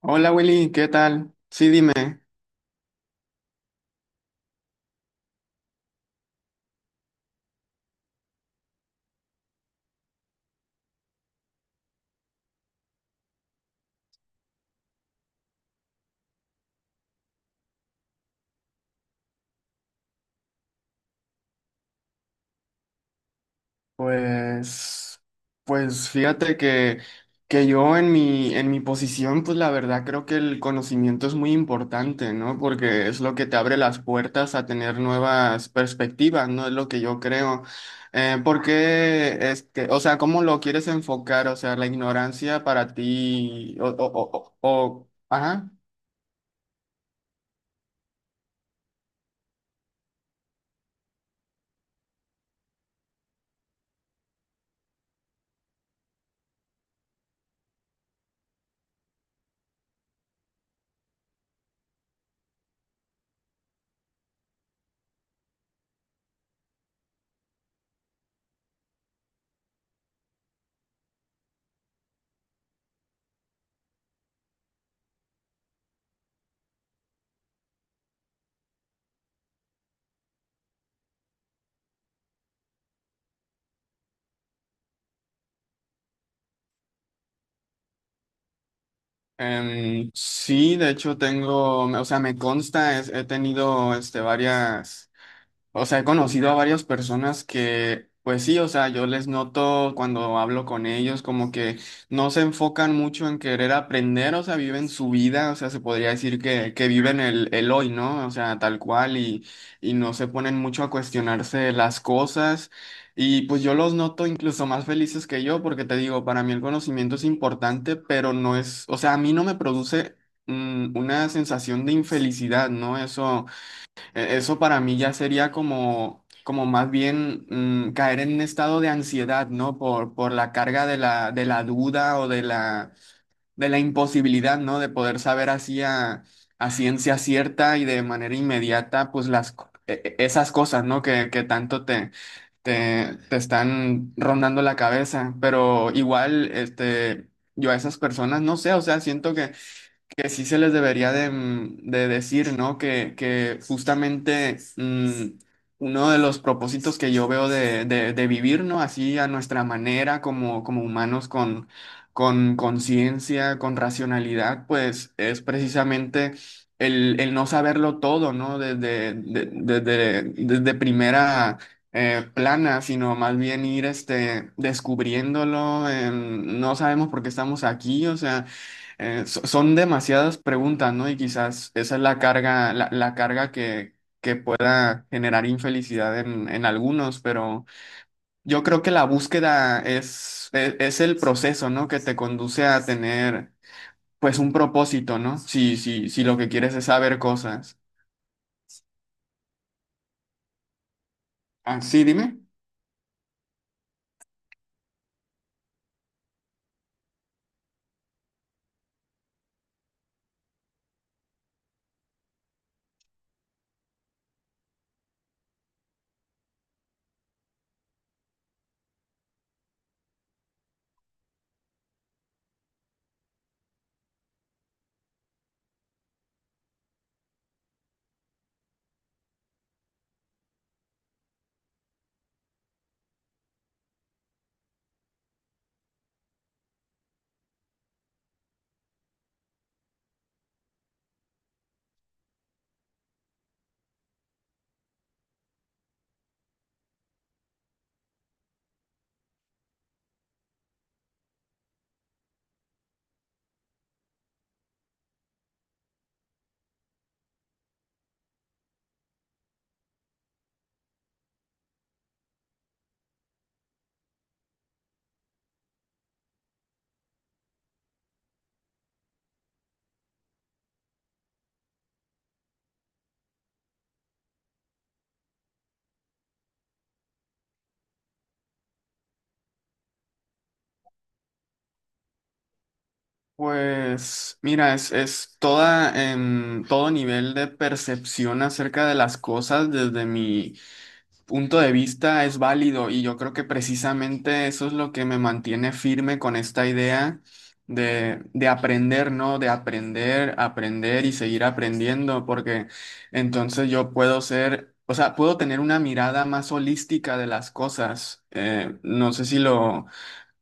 Hola Willy, ¿qué tal? Sí, dime. Pues, pues fíjate que yo en mi posición, pues la verdad creo que el conocimiento es muy importante, ¿no? Porque es lo que te abre las puertas a tener nuevas perspectivas, ¿no? Es lo que yo creo. ¿Por qué, o sea, ¿cómo lo quieres enfocar? O sea, la ignorancia para ti, ajá. Sí, de hecho tengo, o sea, me consta, he tenido este, varias... O sea, he conocido a varias personas que, pues sí, o sea, yo les noto cuando hablo con ellos como que no se enfocan mucho en querer aprender, o sea, viven su vida, o sea, se podría decir que viven el hoy, ¿no? O sea, tal cual y no se ponen mucho a cuestionarse las cosas. Y pues yo los noto incluso más felices que yo porque te digo, para mí el conocimiento es importante, pero no es, o sea, a mí no me produce una sensación de infelicidad, ¿no? Eso... Eso para mí ya sería como, como más bien caer en un estado de ansiedad, ¿no? Por la carga de la duda o de la imposibilidad, ¿no? De poder saber así a ciencia cierta y de manera inmediata, pues las, esas cosas, ¿no? Que tanto te, te, te están rondando la cabeza. Pero igual, este, yo a esas personas, no sé, o sea, siento que sí se les debería de, de decir, ¿no? Que justamente uno de los propósitos que yo veo de, de vivir, ¿no? Así a nuestra manera, como, como humanos, con conciencia, con racionalidad, pues es precisamente el no saberlo todo, ¿no? Desde, desde, desde primera... plana, sino más bien ir este, descubriéndolo, no sabemos por qué estamos aquí, o sea, son demasiadas preguntas, ¿no? Y quizás esa es la carga, la carga que pueda generar infelicidad en algunos, pero yo creo que la búsqueda es el proceso, ¿no? Que te conduce a tener, pues, un propósito, ¿no? Si lo que quieres es saber cosas. Ah, sí, dime. Pues, mira, es toda, todo nivel de percepción acerca de las cosas desde mi punto de vista es válido y yo creo que precisamente eso es lo que me mantiene firme con esta idea de aprender, ¿no? De aprender, aprender y seguir aprendiendo, porque entonces yo puedo ser, o sea, puedo tener una mirada más holística de las cosas. No sé si lo,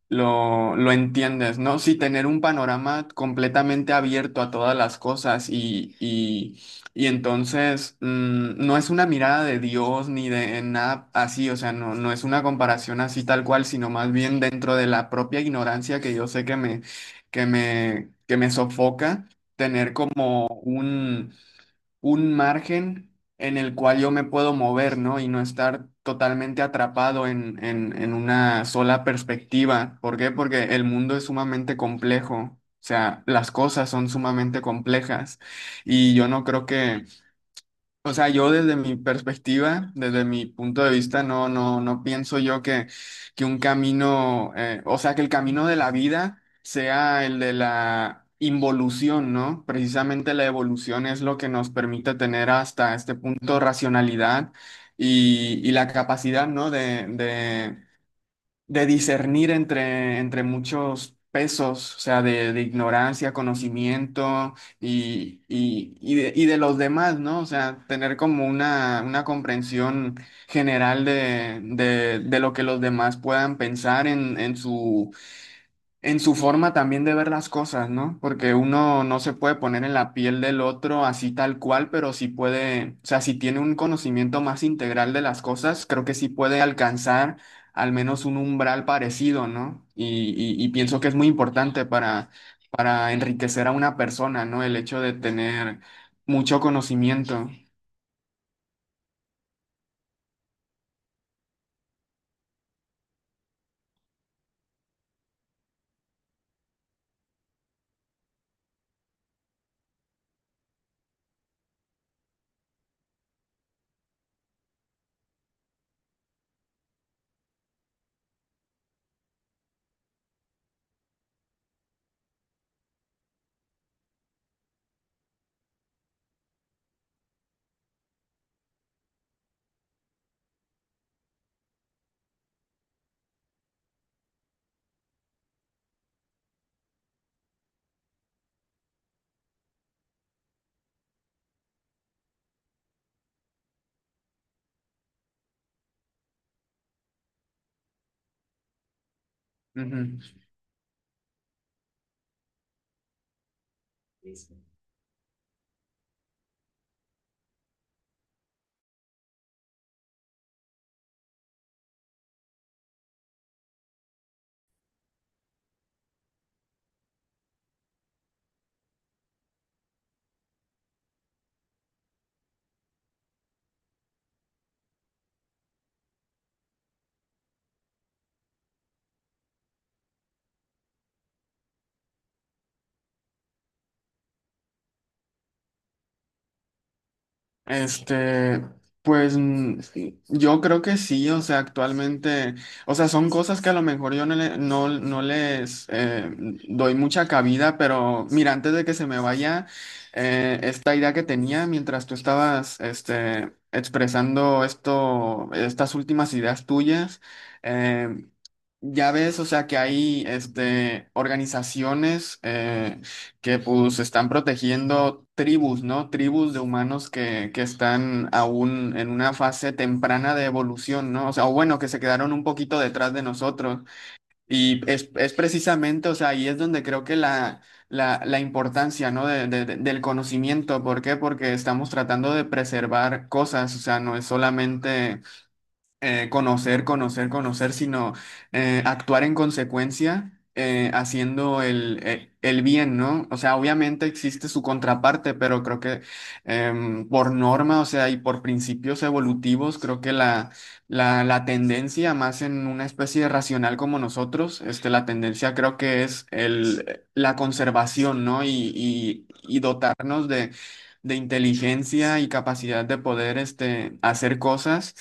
lo, lo entiendes, ¿no? Sí, tener un panorama completamente abierto a todas las cosas y entonces no es una mirada de Dios ni de nada así, o sea, no, no es una comparación así tal cual, sino más bien dentro de la propia ignorancia que yo sé que me, que me sofoca, tener como un un margen en el cual yo me puedo mover, ¿no? Y no estar totalmente atrapado en una sola perspectiva. ¿Por qué? Porque el mundo es sumamente complejo. O sea, las cosas son sumamente complejas y yo no creo que o sea, yo desde mi perspectiva, desde mi punto de vista, no, no, no pienso yo que un camino, o sea, que el camino de la vida sea el de la involución, ¿no? Precisamente la evolución es lo que nos permite tener hasta este punto racionalidad y la capacidad, ¿no? De discernir entre, entre muchos pesos, o sea, de ignorancia, conocimiento y de los demás, ¿no? O sea, tener como una comprensión general de lo que los demás puedan pensar en su forma también de ver las cosas, ¿no? Porque uno no se puede poner en la piel del otro así tal cual, pero sí puede, o sea, si tiene un conocimiento más integral de las cosas, creo que sí puede alcanzar al menos un umbral parecido, ¿no? Y, y pienso que es muy importante para enriquecer a una persona, ¿no? El hecho de tener mucho conocimiento. Ujú. Este, pues sí, yo creo que sí, o sea, actualmente, o sea, son cosas que a lo mejor yo no, no, no les doy mucha cabida, pero mira, antes de que se me vaya, esta idea que tenía mientras tú estabas este, expresando esto, estas últimas ideas tuyas. eh, ya ves, o sea, que hay este, organizaciones que pues están protegiendo tribus, ¿no? Tribus de humanos que están aún en una fase temprana de evolución, ¿no? O sea, o bueno, que se quedaron un poquito detrás de nosotros. Y es precisamente, o sea, ahí es donde creo que la importancia, ¿no? Del conocimiento. ¿Por qué? Porque estamos tratando de preservar cosas, o sea, no es solamente conocer, conocer, conocer, sino actuar en consecuencia, haciendo el bien, ¿no? O sea, obviamente existe su contraparte, pero creo que por norma, o sea, y por principios evolutivos, creo que la tendencia, más en una especie de racional como nosotros, este, la tendencia creo que es el, la conservación, ¿no? Y dotarnos de inteligencia y capacidad de poder este, hacer cosas.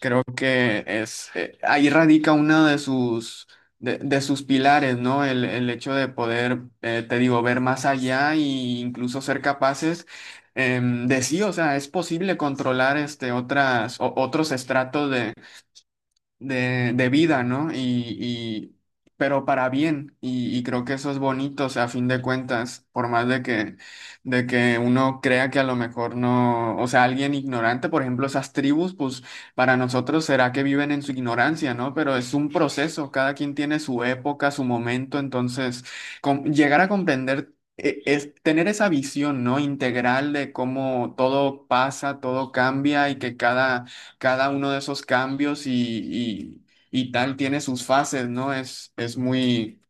Creo que es ahí radica uno de sus pilares, ¿no? El hecho de poder, te digo, ver más allá e incluso ser capaces de sí, o sea, es posible controlar este otras otros estratos de vida, ¿no? Y- pero para bien, y creo que eso es bonito, o sea, a fin de cuentas, por más de que uno crea que a lo mejor no, o sea, alguien ignorante, por ejemplo, esas tribus, pues para nosotros será que viven en su ignorancia, ¿no? Pero es un proceso, cada quien tiene su época, su momento, entonces, llegar a comprender... Es tener esa visión, ¿no? Integral de cómo todo pasa, todo cambia y que cada, cada uno de esos cambios y, y tal tiene sus fases, ¿no? Es muy...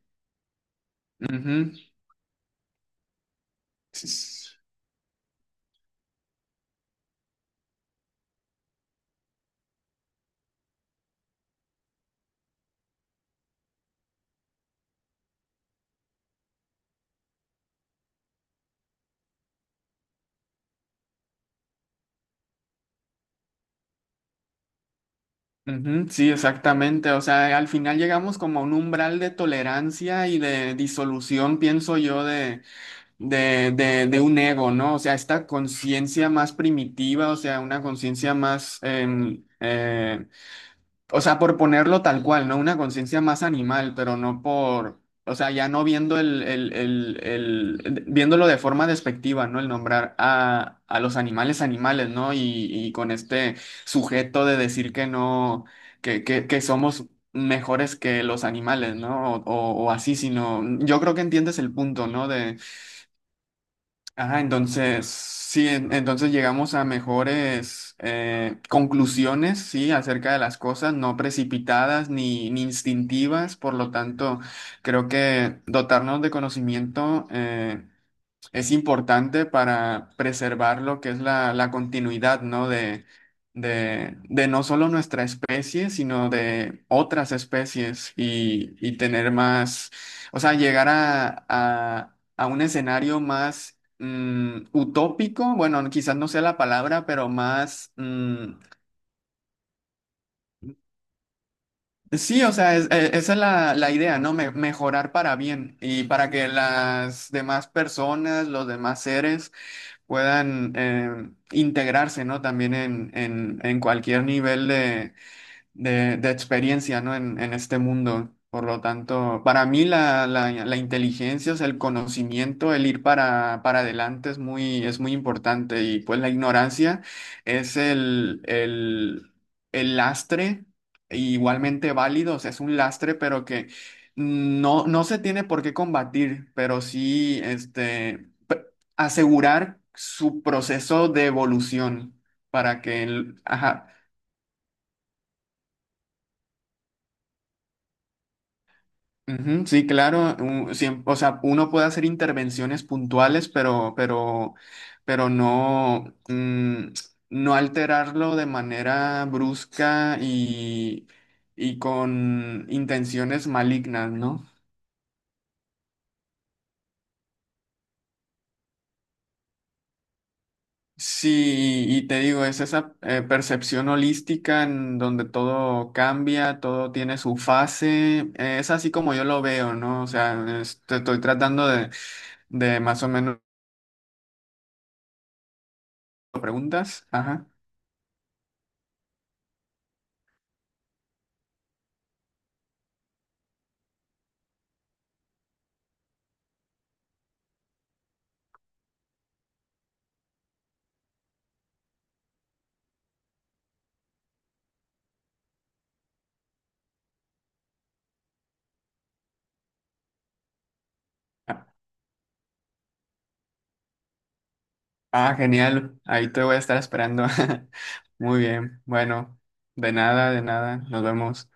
ujú, s- ujú, sí, exactamente. O sea, al final llegamos como a un umbral de tolerancia y de disolución, pienso yo, de un ego, ¿no? O sea, esta conciencia más primitiva, o sea, una conciencia más... O sea, por ponerlo tal cual, ¿no? Una conciencia más animal, pero no por, o sea, ya no viendo viéndolo de forma despectiva, ¿no? El nombrar a los animales animales, ¿no? Y con este sujeto de decir que no, que somos mejores que los animales, ¿no? O así, sino, yo creo que entiendes el punto, ¿no? Ah, entonces, sí, entonces llegamos a mejores conclusiones, sí, acerca de las cosas, no precipitadas ni, ni instintivas, por lo tanto, creo que dotarnos de conocimiento es importante para preservar lo que es la, la continuidad, ¿no? De no solo nuestra especie, sino de otras especies y tener más, o sea, llegar a un escenario más utópico, bueno, quizás no sea la palabra, pero más... Sí, o sea, esa es la, la idea, ¿no? Mejorar para bien y para que las demás personas, los demás seres puedan integrarse, ¿no? También en cualquier nivel de experiencia, ¿no? En este mundo. Por lo tanto, para mí la, la, la inteligencia, o sea, el conocimiento, el ir para adelante es muy importante. Y pues la ignorancia es el lastre, igualmente válido, o sea, es un lastre, pero que no, no se tiene por qué combatir, pero sí este, asegurar su proceso de evolución para que, ajá, Ujú, sí, claro, o sea, uno puede hacer intervenciones puntuales, pero no, no alterarlo de manera brusca y con intenciones malignas, ¿no? Sí, y te digo, es esa percepción holística en donde todo cambia, todo tiene su fase, es así como yo lo veo, ¿no? O sea, te estoy tratando de más o menos preguntas, ajá. Ah, genial. Ahí te voy a estar esperando. Muy bien. Bueno, de nada, de nada. Nos vemos.